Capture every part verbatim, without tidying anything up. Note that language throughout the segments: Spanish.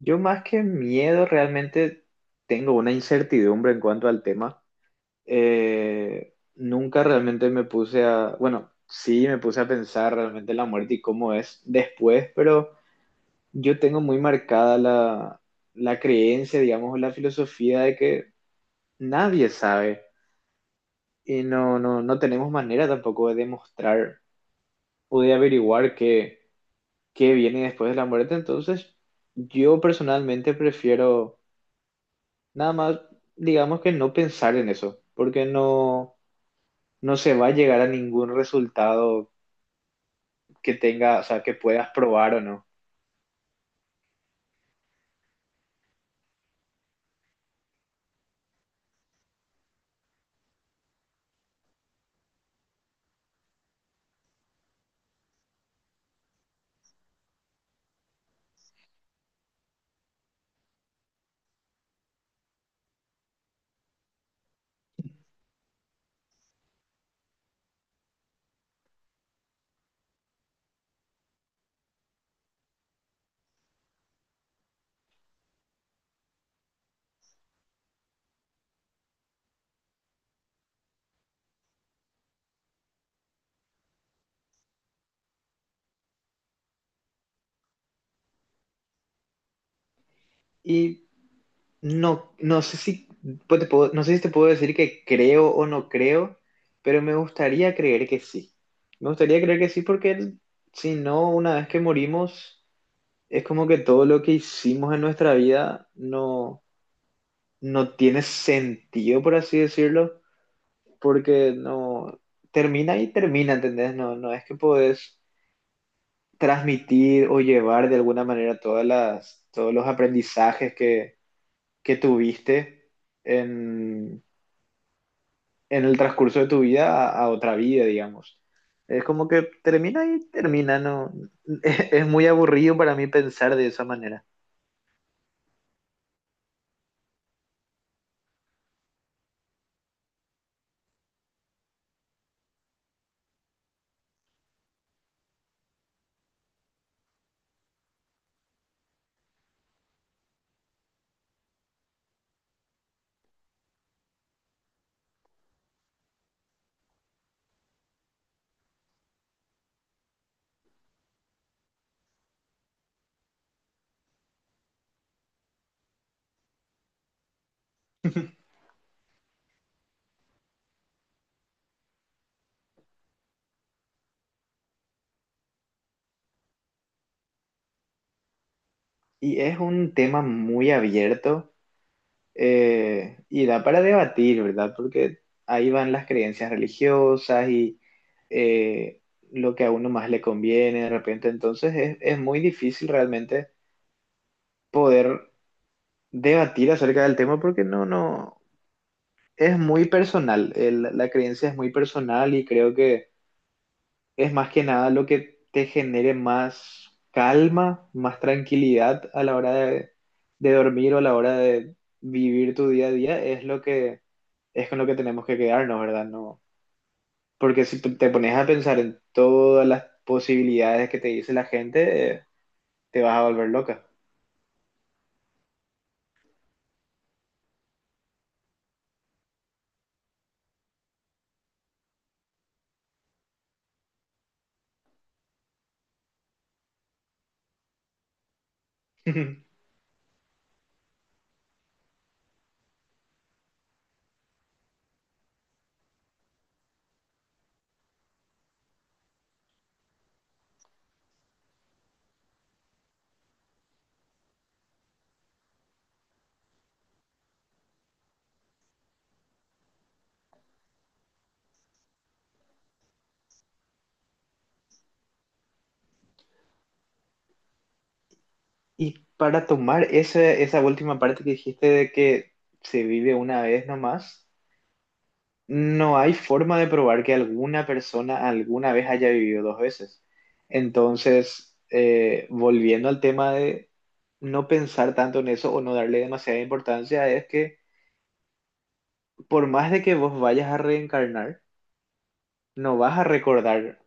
Yo más que miedo realmente tengo una incertidumbre en cuanto al tema. Eh, nunca realmente me puse a, bueno, sí me puse a pensar realmente la muerte y cómo es después, pero yo tengo muy marcada la, la creencia, digamos, o la filosofía de que nadie sabe y no, no, no tenemos manera tampoco de demostrar o de averiguar qué, qué viene después de la muerte. Entonces, yo personalmente prefiero, nada más, digamos, que no pensar en eso, porque no, no se va a llegar a ningún resultado que tenga, o sea, que puedas probar o no. Y no, no sé si, pues te puedo- no sé si te puedo decir que creo o no creo, pero me gustaría creer que sí. Me gustaría creer que sí, porque si no, una vez que morimos, es como que todo lo que hicimos en nuestra vida no, no tiene sentido, por así decirlo, porque no termina y termina, ¿entendés? No, no es que podés transmitir o llevar de alguna manera todas las, todos los aprendizajes que, que tuviste en, en el transcurso de tu vida a, a otra vida, digamos. Es como que termina y termina, no. es, es muy aburrido para mí pensar de esa manera. Y es un tema muy abierto. Eh, y da para debatir, ¿verdad? Porque ahí van las creencias religiosas y eh, lo que a uno más le conviene de repente. Entonces es, es muy difícil realmente poder debatir acerca del tema porque no, no, es muy personal. El- la creencia es muy personal y creo que es más que nada lo que te genere más calma, más tranquilidad a la hora de, de dormir o a la hora de vivir tu día a día. Es lo que es con lo que tenemos que quedarnos, ¿verdad? No, porque si te te pones a pensar en todas las posibilidades que te dice la gente, eh, te vas a volver loca. Y para tomar esa, esa última parte que dijiste de que se vive una vez nomás, no hay forma de probar que alguna persona alguna vez haya vivido dos veces. Entonces, eh, volviendo al tema de no pensar tanto en eso o no darle demasiada importancia, es que por más de que vos vayas a reencarnar, no vas a recordar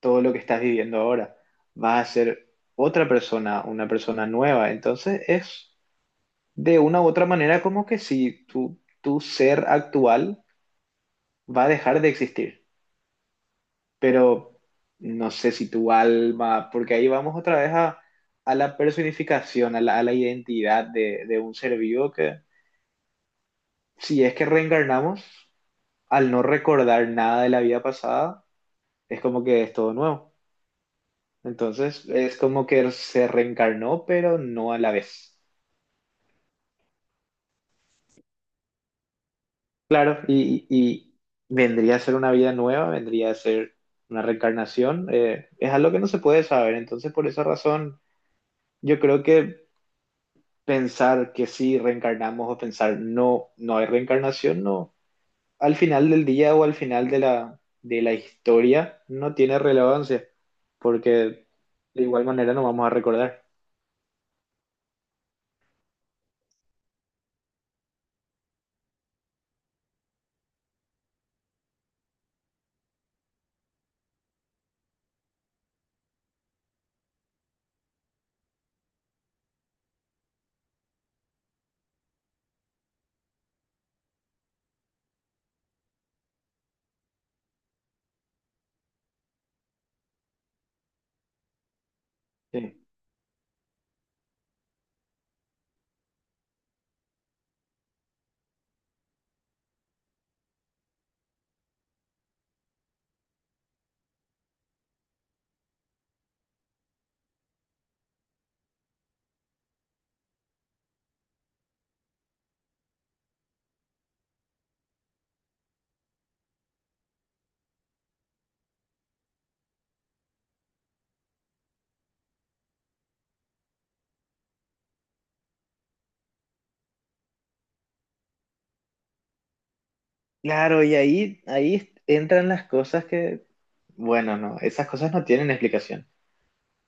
todo lo que estás viviendo ahora. Vas a ser otra persona, una persona nueva. Entonces es, de una u otra manera, como que si tu, tu ser actual va a dejar de existir, pero no sé si tu alma, porque ahí vamos otra vez a, a la personificación, a la, a la identidad de, de un ser vivo que, si es que reencarnamos, al no recordar nada de la vida pasada, es como que es todo nuevo. Entonces es como que se reencarnó, pero no a la vez. Claro, y, y vendría a ser una vida nueva, vendría a ser una reencarnación. Eh, es algo que no se puede saber. Entonces, por esa razón, yo creo que pensar que sí reencarnamos o pensar no, no hay reencarnación, no, al final del día o al final de la, de la historia no tiene relevancia, porque de igual manera no vamos a recordar. Sí. Claro, y ahí, ahí entran las cosas que, bueno, no, esas cosas no tienen explicación.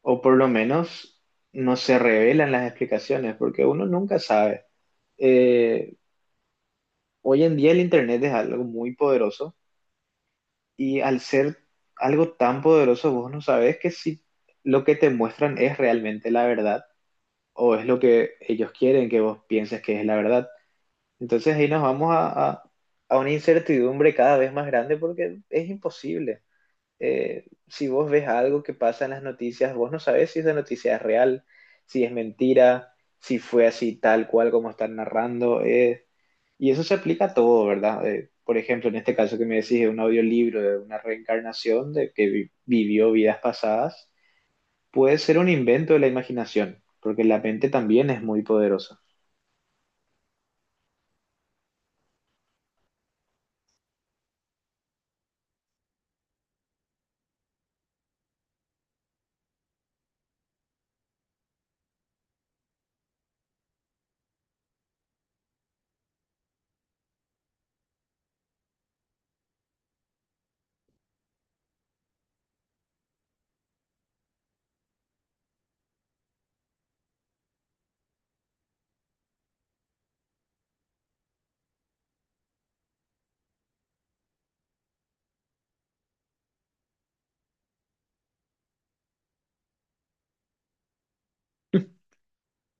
O por lo menos no se revelan las explicaciones, porque uno nunca sabe. Eh, Hoy en día el Internet es algo muy poderoso, y al ser algo tan poderoso, vos no sabes que si lo que te muestran es realmente la verdad o es lo que ellos quieren que vos pienses que es la verdad. Entonces ahí nos vamos a, a a una incertidumbre cada vez más grande, porque es imposible. Eh, si vos ves algo que pasa en las noticias, vos no sabés si esa noticia es real, si es mentira, si fue así tal cual como están narrando. Eh, y eso se aplica a todo, ¿verdad? Eh, por ejemplo, en este caso que me decís de un audiolibro, de una reencarnación de que vi- vivió vidas pasadas, puede ser un invento de la imaginación, porque la mente también es muy poderosa.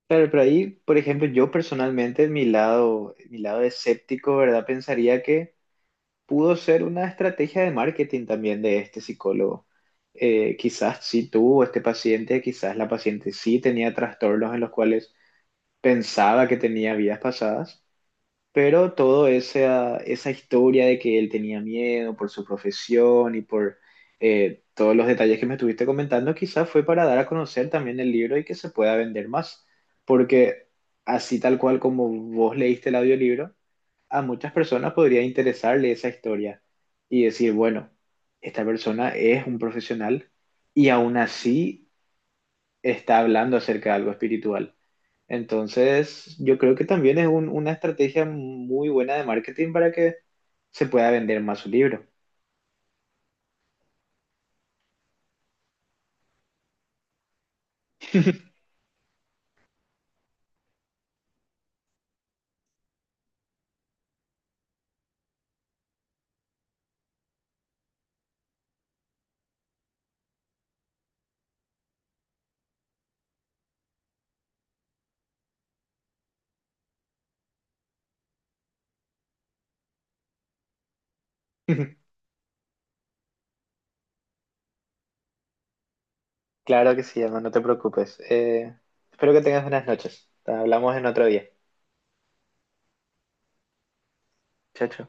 Claro, pero ahí, por ejemplo, yo personalmente, mi lado, mi lado escéptico, ¿verdad? Pensaría que pudo ser una estrategia de marketing también de este psicólogo. Eh, quizás sí tuvo este paciente, quizás la paciente sí tenía trastornos en los cuales pensaba que tenía vidas pasadas, pero todo esa, esa historia de que él tenía miedo por su profesión y por eh, todos los detalles que me estuviste comentando, quizás fue para dar a conocer también el libro y que se pueda vender más, porque así tal cual como vos leíste el audiolibro, a muchas personas podría interesarle esa historia y decir, bueno, esta persona es un profesional y aún así está hablando acerca de algo espiritual. Entonces, yo creo que también es un- una estrategia muy buena de marketing para que se pueda vender más su libro. Claro que sí, Emma, no te preocupes. Eh, espero que tengas buenas noches. Hablamos en otro día. Chao, chao.